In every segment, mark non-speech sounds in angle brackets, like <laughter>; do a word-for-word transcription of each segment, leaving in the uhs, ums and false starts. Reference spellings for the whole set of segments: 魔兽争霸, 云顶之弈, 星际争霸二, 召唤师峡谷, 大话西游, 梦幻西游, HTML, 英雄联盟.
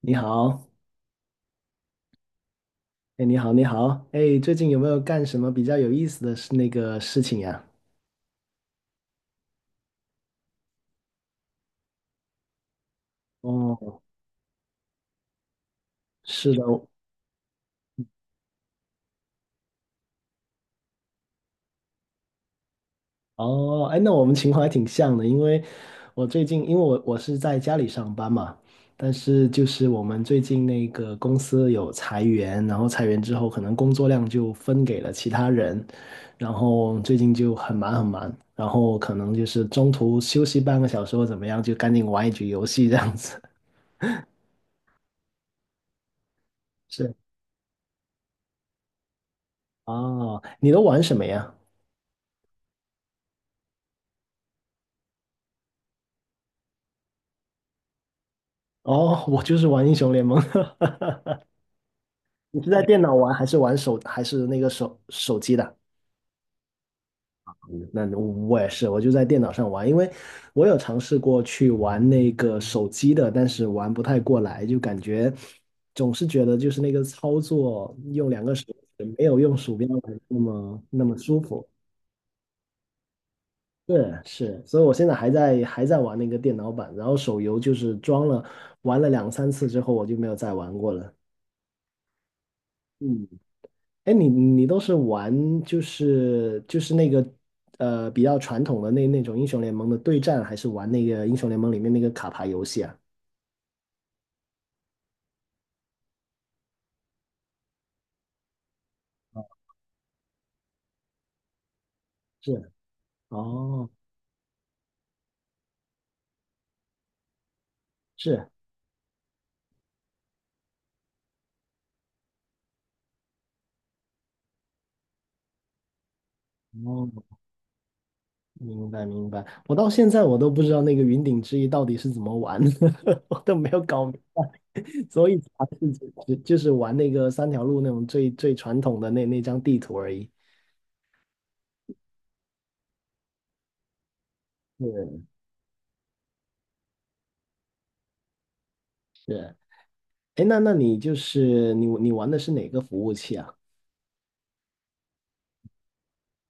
你好，哎，你好，你好，哎，最近有没有干什么比较有意思的事那个事情呀？哦，是的，哦，哎，那我们情况还挺像的。因为我最近，因为我我是在家里上班嘛，但是就是我们最近那个公司有裁员，然后裁员之后，可能工作量就分给了其他人，然后最近就很忙很忙，然后可能就是中途休息半个小时或怎么样，就赶紧玩一局游戏这样子。<laughs> 是，哦，你都玩什么呀？哦，我就是玩英雄联盟。<laughs> 你是在电脑玩还是玩手还是那个手手机的？嗯那我也是，我就在电脑上玩。因为我有尝试过去玩那个手机的，但是玩不太过来，就感觉总是觉得就是那个操作用两个手指没有用鼠标来那么那么舒服。是是，所以我现在还在还在玩那个电脑版，然后手游就是装了玩了两三次之后，我就没有再玩过了。嗯。哎，你你都是玩就是就是那个呃比较传统的那那种英雄联盟的对战，还是玩那个英雄联盟里面那个卡牌游戏啊？是，哦，是，哦，明白明白。我到现在我都不知道那个云顶之弈到底是怎么玩的，<laughs> 我都没有搞明白。所以才是只就是玩那个三条路那种最最传统的那那张地图而已。是是，哎，那那你就是你你玩的是哪个服务器啊？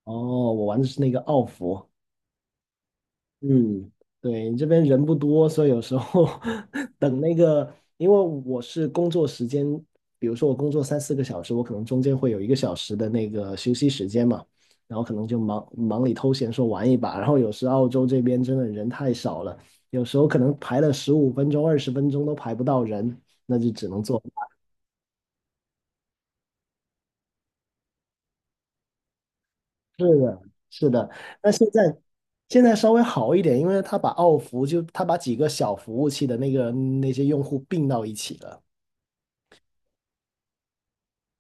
哦，我玩的是那个奥服，嗯，对，这边人不多，所以有时候 <laughs> 等那个，因为我是工作时间，比如说我工作三四个小时，我可能中间会有一个小时的那个休息时间嘛，然后可能就忙忙里偷闲说玩一把，然后有时澳洲这边真的人太少了，有时候可能排了十五分钟、二十分钟都排不到人，那就只能做。是的，是的。那现在现在稍微好一点，因为他把奥服就他把几个小服务器的那个那些用户并到一起了，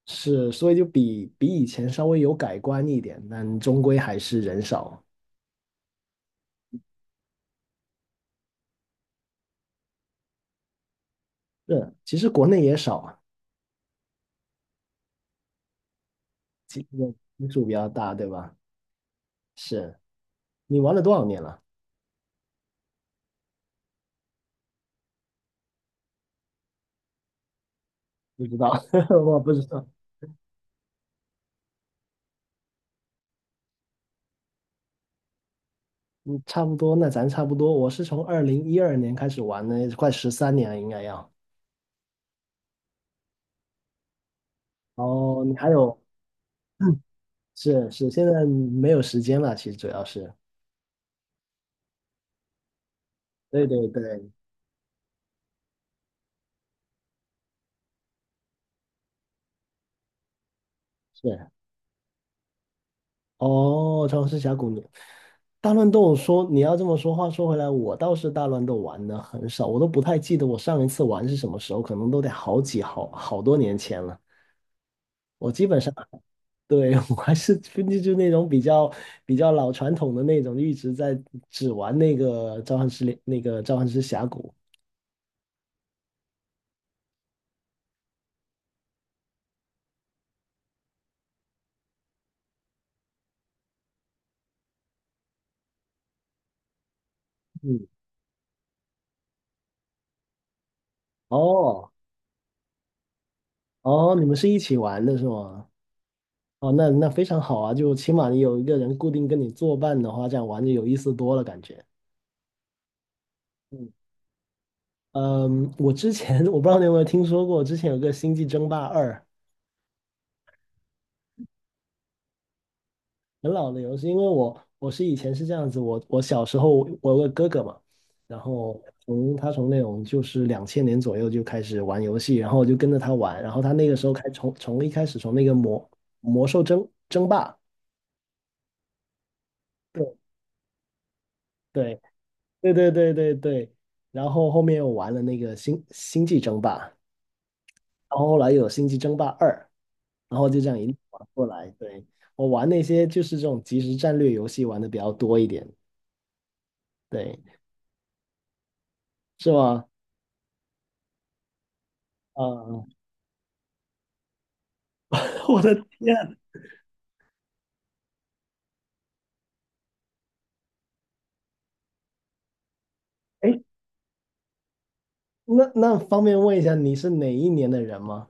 是，所以就比比以前稍微有改观一点，但终归还是人少。是，其实国内也少啊，其实基数比较大，对吧？是你玩了多少年了？不知道，<laughs> 我不知道。嗯，差不多，那咱差不多。我是从二零一二年开始玩的，快十三年了，应该要。哦，你还有是是，现在没有时间了，其实主要是，对对对，是。哦，《召唤师峡谷》你大乱斗说你要这么说，话说回来，我倒是大乱斗玩的很少，我都不太记得我上一次玩是什么时候，可能都得好几好好多年前了。我基本上对 <laughs> 我还是就就那种比较比较老传统的那种，一直在只玩那个召唤师那个召唤师峡谷。嗯，哦哦，你们是一起玩的是吗？哦，那那非常好啊，就起码你有一个人固定跟你作伴的话，这样玩就有意思多了，感觉。嗯，嗯，我之前 <laughs> 我不知道你有没有听说过，之前有个《星际争霸二》，很老的游戏。因为我我是以前是这样子，我我小时候我有个哥哥嘛，然后从他从那种就是两千年左右就开始玩游戏，然后我就跟着他玩，然后他那个时候开从从一开始从那个魔魔兽争争霸。对对对对对对，然后后面又玩了那个星星际争霸，然后后来又有星际争霸二，然后就这样一路玩过来。对，我玩那些就是这种即时战略游戏玩的比较多一点，对，是吗？啊、<laughs> 我的天，哎，那那方便问一下你是哪一年的人吗？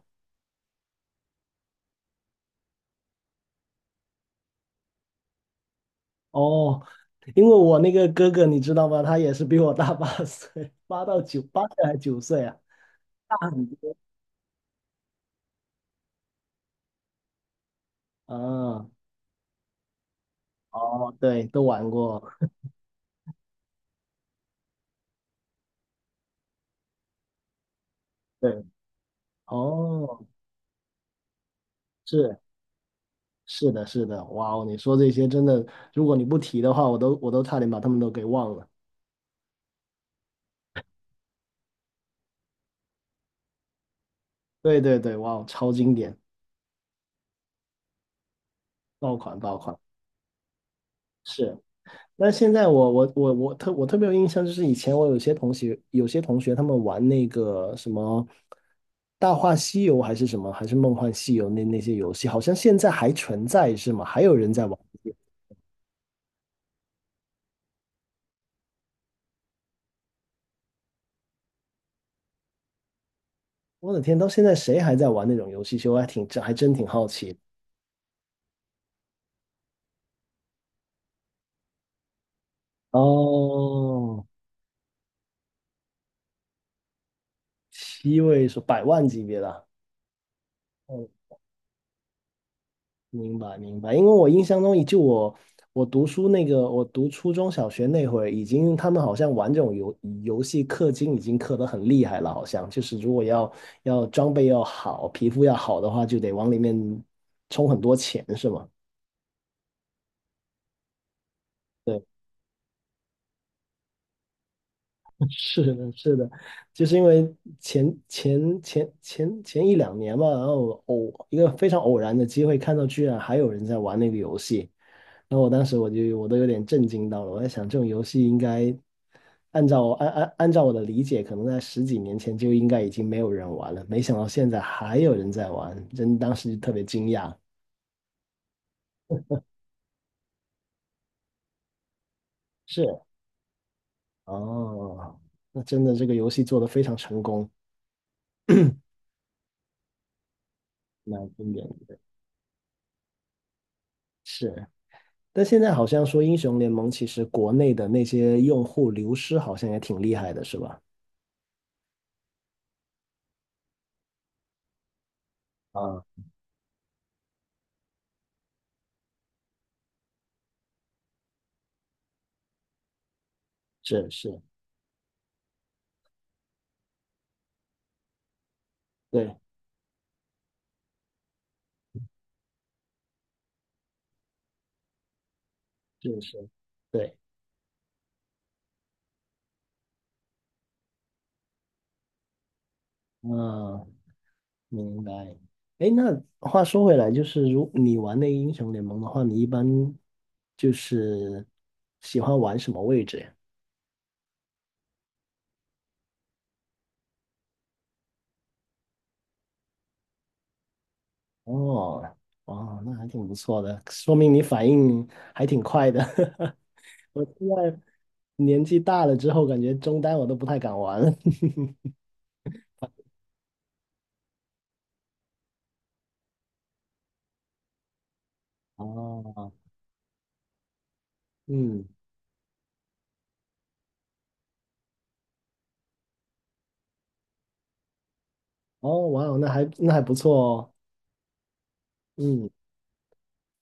哦，因为我那个哥哥你知道吗？他也是比我大八岁，八到九，八岁还是九岁啊？大很多啊，哦，对，都玩过。对。哦，是是的，是的，哇哦，你说这些真的，如果你不提的话，我都我都差点把他们都给忘了。对对对，哇哦，超经典，爆款爆款。是，那现在我我我我特我特别有印象，就是以前我有些同学有些同学他们玩那个什么《大话西游》还是什么还是《梦幻西游》那那些游戏，好像现在还存在是吗？还有人在玩？我的天，到现在谁还在玩那种游戏？其实我还挺还真挺好奇的哦，七位数，百万级别的啊。嗯，明白明白。因为我印象中，就我我读书那个，我读初中小学那会儿，已经他们好像玩这种游游戏氪金已经氪得很厉害了，好像就是如果要要装备要好，皮肤要好的话，就得往里面充很多钱，是吗？对是的，是的，就是因为前前前前前一两年吧，然后偶一个非常偶然的机会看到，居然还有人在玩那个游戏，然后我当时我就我都有点震惊到了，我在想这种游戏应该按照按按按照我的理解，可能在十几年前就应该已经没有人玩了，没想到现在还有人在玩，真当时就特别惊讶。是，哦，那真的这个游戏做得非常成功，蛮经典的，是。但现在好像说英雄联盟其实国内的那些用户流失好像也挺厉害的，是吧？啊，是是，对，是是，对，嗯，明白。哎，那话说回来，就是如你玩那个英雄联盟的话，你一般就是喜欢玩什么位置呀？哦，哦，那还挺不错的，说明你反应还挺快的。<laughs> 我现在年纪大了之后，感觉中单我都不太敢玩了。<laughs> 哦，嗯，哦，哇哦，那还那还不错哦。嗯，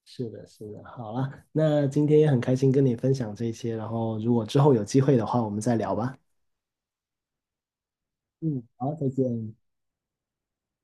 是的，是的，好了，那今天也很开心跟你分享这些，然后如果之后有机会的话，我们再聊吧。嗯，好，再见。